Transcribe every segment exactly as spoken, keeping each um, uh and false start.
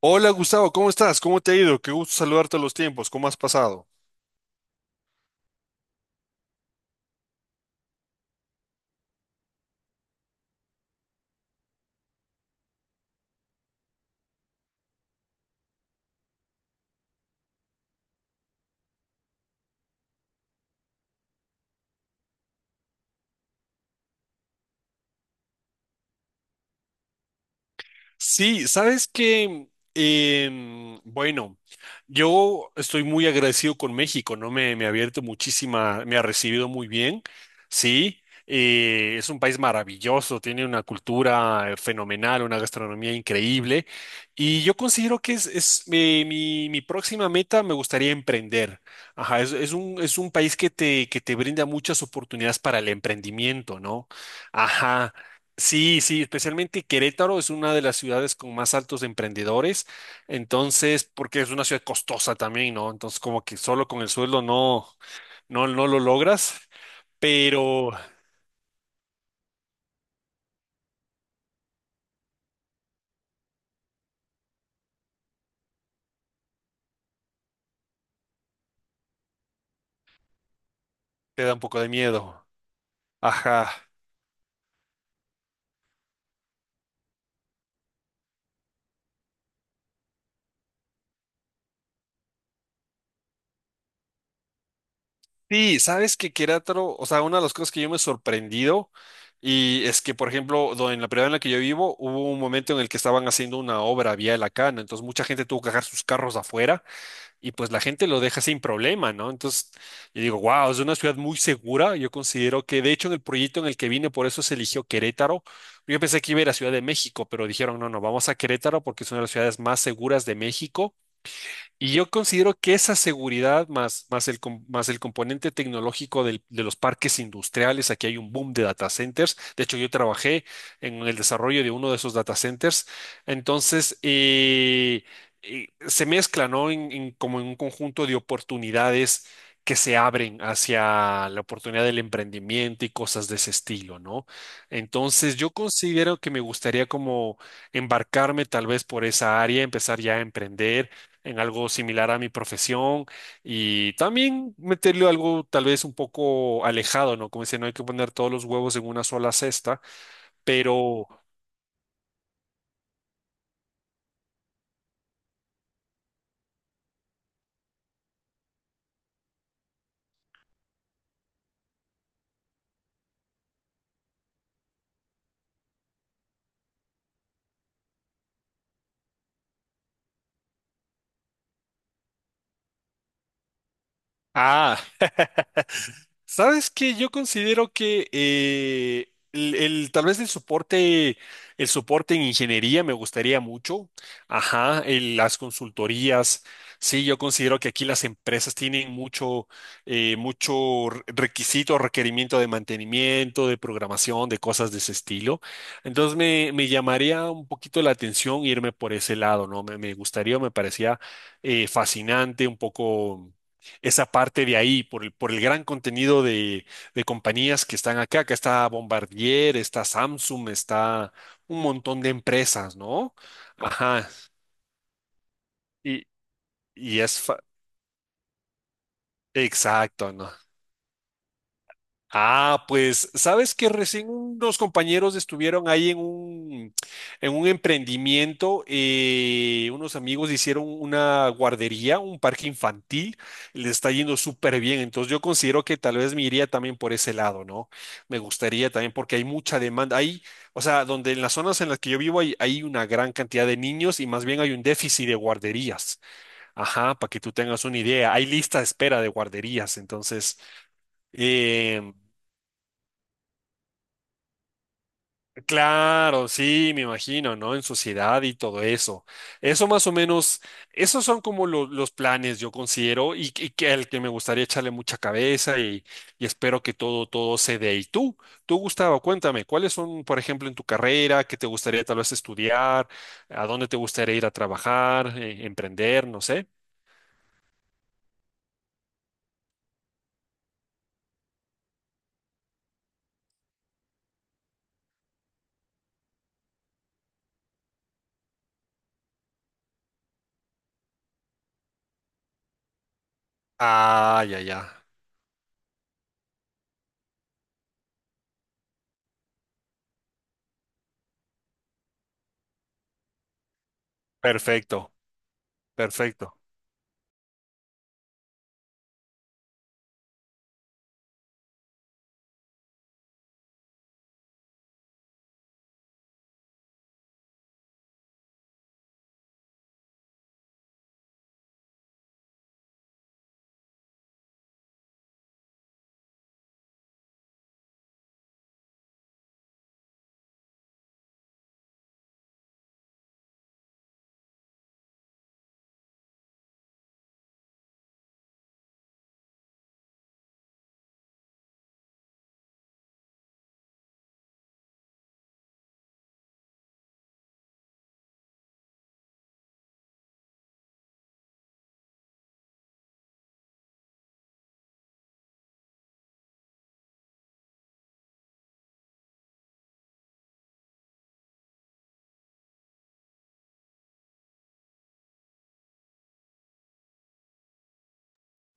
Hola Gustavo, ¿cómo estás? ¿Cómo te ha ido? Qué gusto saludarte a los tiempos. ¿Cómo has pasado? Sí, sabes que, em, bueno, yo estoy muy agradecido con México, ¿no? Me, me ha abierto muchísima, me ha recibido muy bien, sí. eh, es un país maravilloso, tiene una cultura eh, fenomenal, una gastronomía increíble. Y yo considero que es, es, eh, mi, mi próxima meta, me gustaría emprender. Ajá, es, es un, es un país que te, que te brinda muchas oportunidades para el emprendimiento, ¿no? Ajá. Sí, sí, especialmente Querétaro es una de las ciudades con más altos emprendedores, entonces, porque es una ciudad costosa también, ¿no? Entonces, como que solo con el sueldo no, no, no lo logras, pero te da un poco de miedo. Ajá. Sí, sabes que Querétaro, o sea, una de las cosas que yo me he sorprendido y es que, por ejemplo, do- en la ciudad en la que yo vivo, hubo un momento en el que estaban haciendo una obra vial acá, ¿no? Entonces, mucha gente tuvo que dejar sus carros afuera y pues la gente lo deja sin problema, ¿no? Entonces, yo digo, wow, es una ciudad muy segura. Yo considero que, de hecho, en el proyecto en el que vine, por eso se eligió Querétaro. Yo pensé que iba a ir a Ciudad de México, pero dijeron, no, no, vamos a Querétaro porque es una de las ciudades más seguras de México y yo considero que esa seguridad más, más el, com- más el componente tecnológico del- de los parques industriales, aquí hay un boom de data centers. De hecho, yo trabajé en el desarrollo de uno de esos data centers. Entonces, eh, eh, se mezcla, ¿no? En- en- como en un conjunto de oportunidades que se abren hacia la oportunidad del emprendimiento y cosas de ese estilo, ¿no? Entonces, yo considero que me gustaría como embarcarme tal vez por esa área, empezar ya a emprender en algo similar a mi profesión y también meterle algo tal vez un poco alejado, ¿no? Como dice, no hay que poner todos los huevos en una sola cesta, pero, ah, sabes que yo considero que eh, el, el- tal vez el soporte, el soporte en ingeniería me gustaría mucho. Ajá, el- las consultorías. Sí, yo considero que aquí las empresas tienen mucho, eh, mucho re- requisito, requerimiento de mantenimiento, de programación, de cosas de ese estilo. Entonces me, me llamaría un poquito la atención irme por ese lado, ¿no? Me, me gustaría, me parecía eh, fascinante, un poco esa parte de ahí, por el, por el gran contenido de, de compañías que están acá. Acá está Bombardier, está Samsung, está un montón de empresas, ¿no? Ajá. Y, y es fa- exacto, ¿no? Ah, pues, sabes que recién unos compañeros estuvieron ahí en un, en un emprendimiento, eh, unos amigos hicieron una guardería, un parque infantil, le está yendo súper bien, entonces yo considero que tal vez me iría también por ese lado, ¿no? Me gustaría también porque hay mucha demanda, hay, o sea, donde en las zonas en las que yo vivo hay, hay una gran cantidad de niños y más bien hay un déficit de guarderías, ajá, para que tú tengas una idea, hay lista de espera de guarderías, entonces... em, Claro, sí, me imagino, ¿no? En sociedad y todo eso. Eso más o menos, esos son como lo- los planes, yo considero, y, y que al que me gustaría echarle mucha cabeza y, y espero que todo, todo se dé. Y tú, tú, Gustavo, cuéntame, ¿cuáles son, por ejemplo, en tu carrera, qué te gustaría tal vez estudiar, a dónde te gustaría ir a trabajar, eh, emprender, no sé? Ah, ya, ya. Perfecto, perfecto.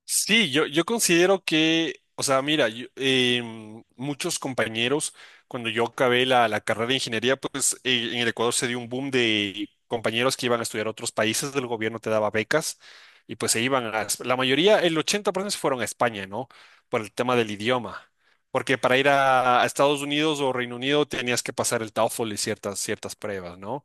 Sí, yo, yo considero que, o sea, mira, yo- em, muchos compañeros, cuando yo acabé la, la carrera de ingeniería, pues eh, en el Ecuador se dio un boom de compañeros que iban a estudiar a otros países, el gobierno te daba becas y pues se iban a, Es- la mayoría, el ochenta por ciento se fueron a España, ¿no? Por el tema del idioma, porque para ir a, a Estados Unidos o Reino Unido tenías que pasar el TOEFL y ciertas, ciertas pruebas, ¿no?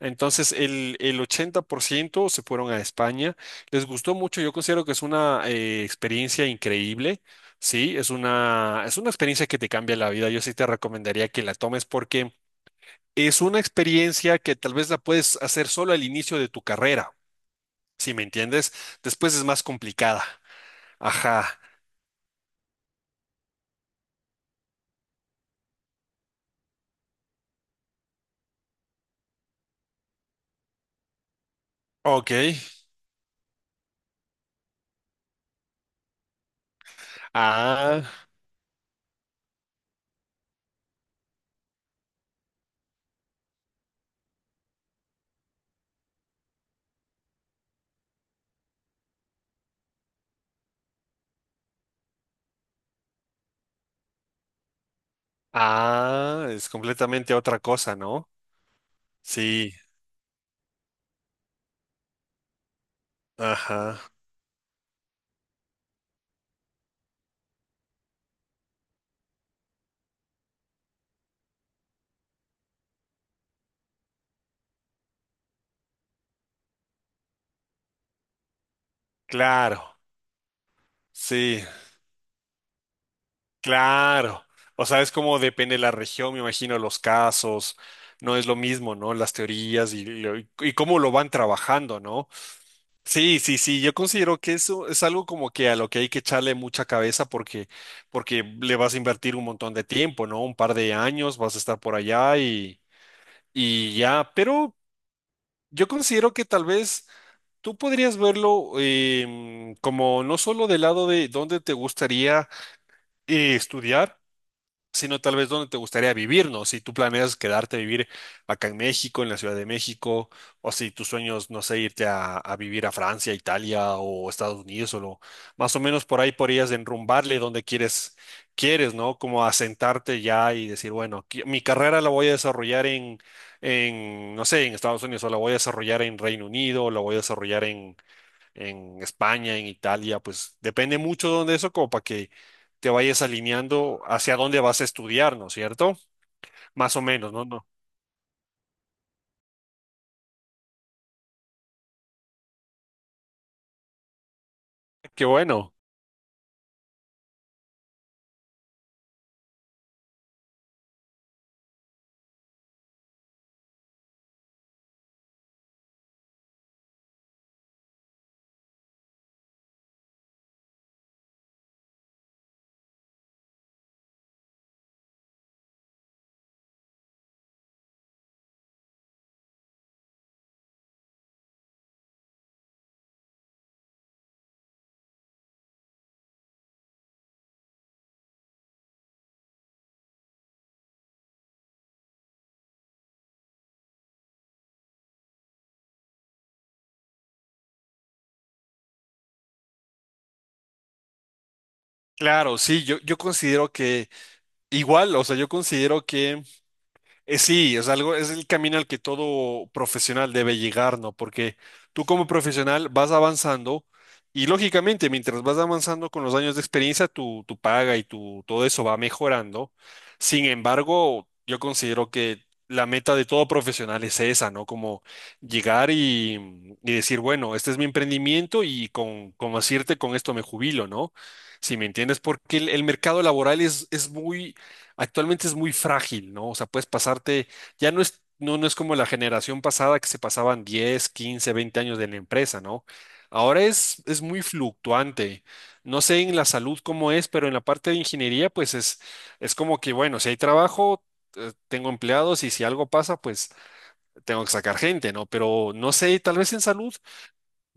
Entonces, el, el ochenta por ciento se fueron a España. Les gustó mucho, yo considero que es una eh, experiencia increíble, sí, es una, es una experiencia que te cambia la vida, yo sí te recomendaría que la tomes porque es una experiencia que tal vez la puedes hacer solo al inicio de tu carrera, si me entiendes, después es más complicada, ajá, ok, ah, ah, es completamente otra cosa, ¿no? Sí, ajá, claro, sí. Claro, o sea, es como depende de la región, me imagino, los casos, no es lo mismo, ¿no? Las teorías y, lo- y cómo lo van trabajando, ¿no? Sí, sí, sí, yo considero que eso es algo como que a lo que hay que echarle mucha cabeza porque, porque le vas a invertir un montón de tiempo, ¿no? Un par de años vas a estar por allá y, y ya, pero yo considero que tal vez tú podrías verlo em, como no solo del lado de dónde te gustaría eh, estudiar, sino tal vez dónde te gustaría vivir, ¿no? Si tú planeas quedarte a vivir acá en México, en la Ciudad de México, o si tus sueños, no sé, irte a, a vivir a Francia, Italia o Estados Unidos, o lo- más o menos por ahí podrías enrumbarle donde quieres, quieres, ¿no? Como asentarte ya y decir, bueno, qui- mi carrera la voy a desarrollar en, en, no sé, en Estados Unidos, o la voy a desarrollar en Reino Unido, o la voy a desarrollar en en España, en Italia, pues depende mucho de dónde eso, como para que te vayas alineando hacia dónde vas a estudiar, ¿no es cierto? Más o menos, ¿no? No. Qué bueno. Claro, sí, yo, yo considero que igual, o sea, yo considero que Eh, sí, es algo, es el camino al que todo profesional debe llegar, ¿no? Porque tú como profesional vas avanzando y lógicamente mientras vas avanzando con los años de experiencia, tu, tu paga y tu, todo eso va mejorando. Sin embargo, yo considero que la meta de todo profesional es esa, ¿no? Como llegar y, y decir, bueno, este es mi emprendimiento y con, con decirte con esto me jubilo, ¿no? Si me entiendes, porque el, el mercado laboral es, es muy actualmente es muy frágil, ¿no? O sea, puedes pasarte, ya no es, no, no es como la generación pasada que se pasaban diez, quince, veinte años de la empresa, ¿no? Ahora es, es muy fluctuante. No sé en la salud cómo es, pero en la parte de ingeniería, pues es, es como que, bueno, si hay trabajo, eh, tengo empleados y si algo pasa, pues tengo que sacar gente, ¿no? Pero no sé, tal vez en salud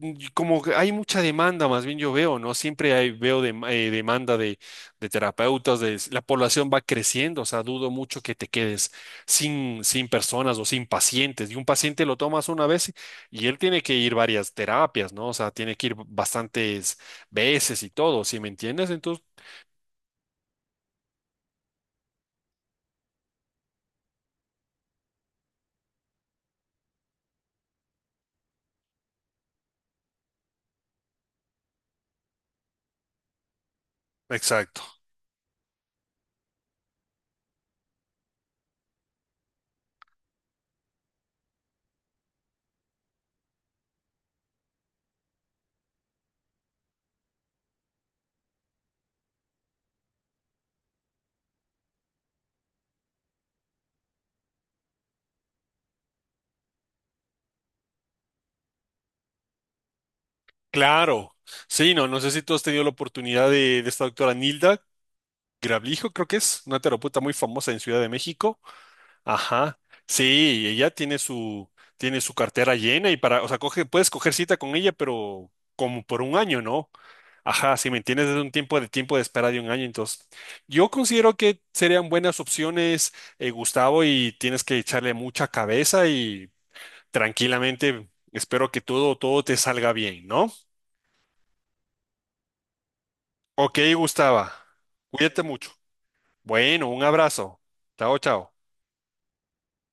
y Como que hay mucha demanda, más bien yo veo, ¿no? Siempre hay, veo dem- eh, demanda de, de terapeutas, de, la población va creciendo, o sea, dudo mucho que te quedes sin, sin personas o sin pacientes. Y un paciente lo tomas una vez y él tiene que ir varias terapias, ¿no? O sea, tiene que ir bastantes veces y todo, ¿sí me entiendes? Entonces, exacto. Claro. Sí, no, no sé si tú has tenido la oportunidad de, de esta doctora Nilda Grablijo, creo que es una terapeuta muy famosa en Ciudad de México. Ajá. Sí, ella tiene su, tiene su cartera llena y para, o sea, coge, puedes coger cita con ella, pero como por un año, ¿no? Ajá, si me entiendes, es un tiempo de tiempo de espera de un año. Entonces, yo considero que serían buenas opciones, eh, Gustavo, y tienes que echarle mucha cabeza y tranquilamente espero que todo, todo te salga bien, ¿no? Ok, Gustavo, cuídate mucho. Bueno, un abrazo. Chao, chao.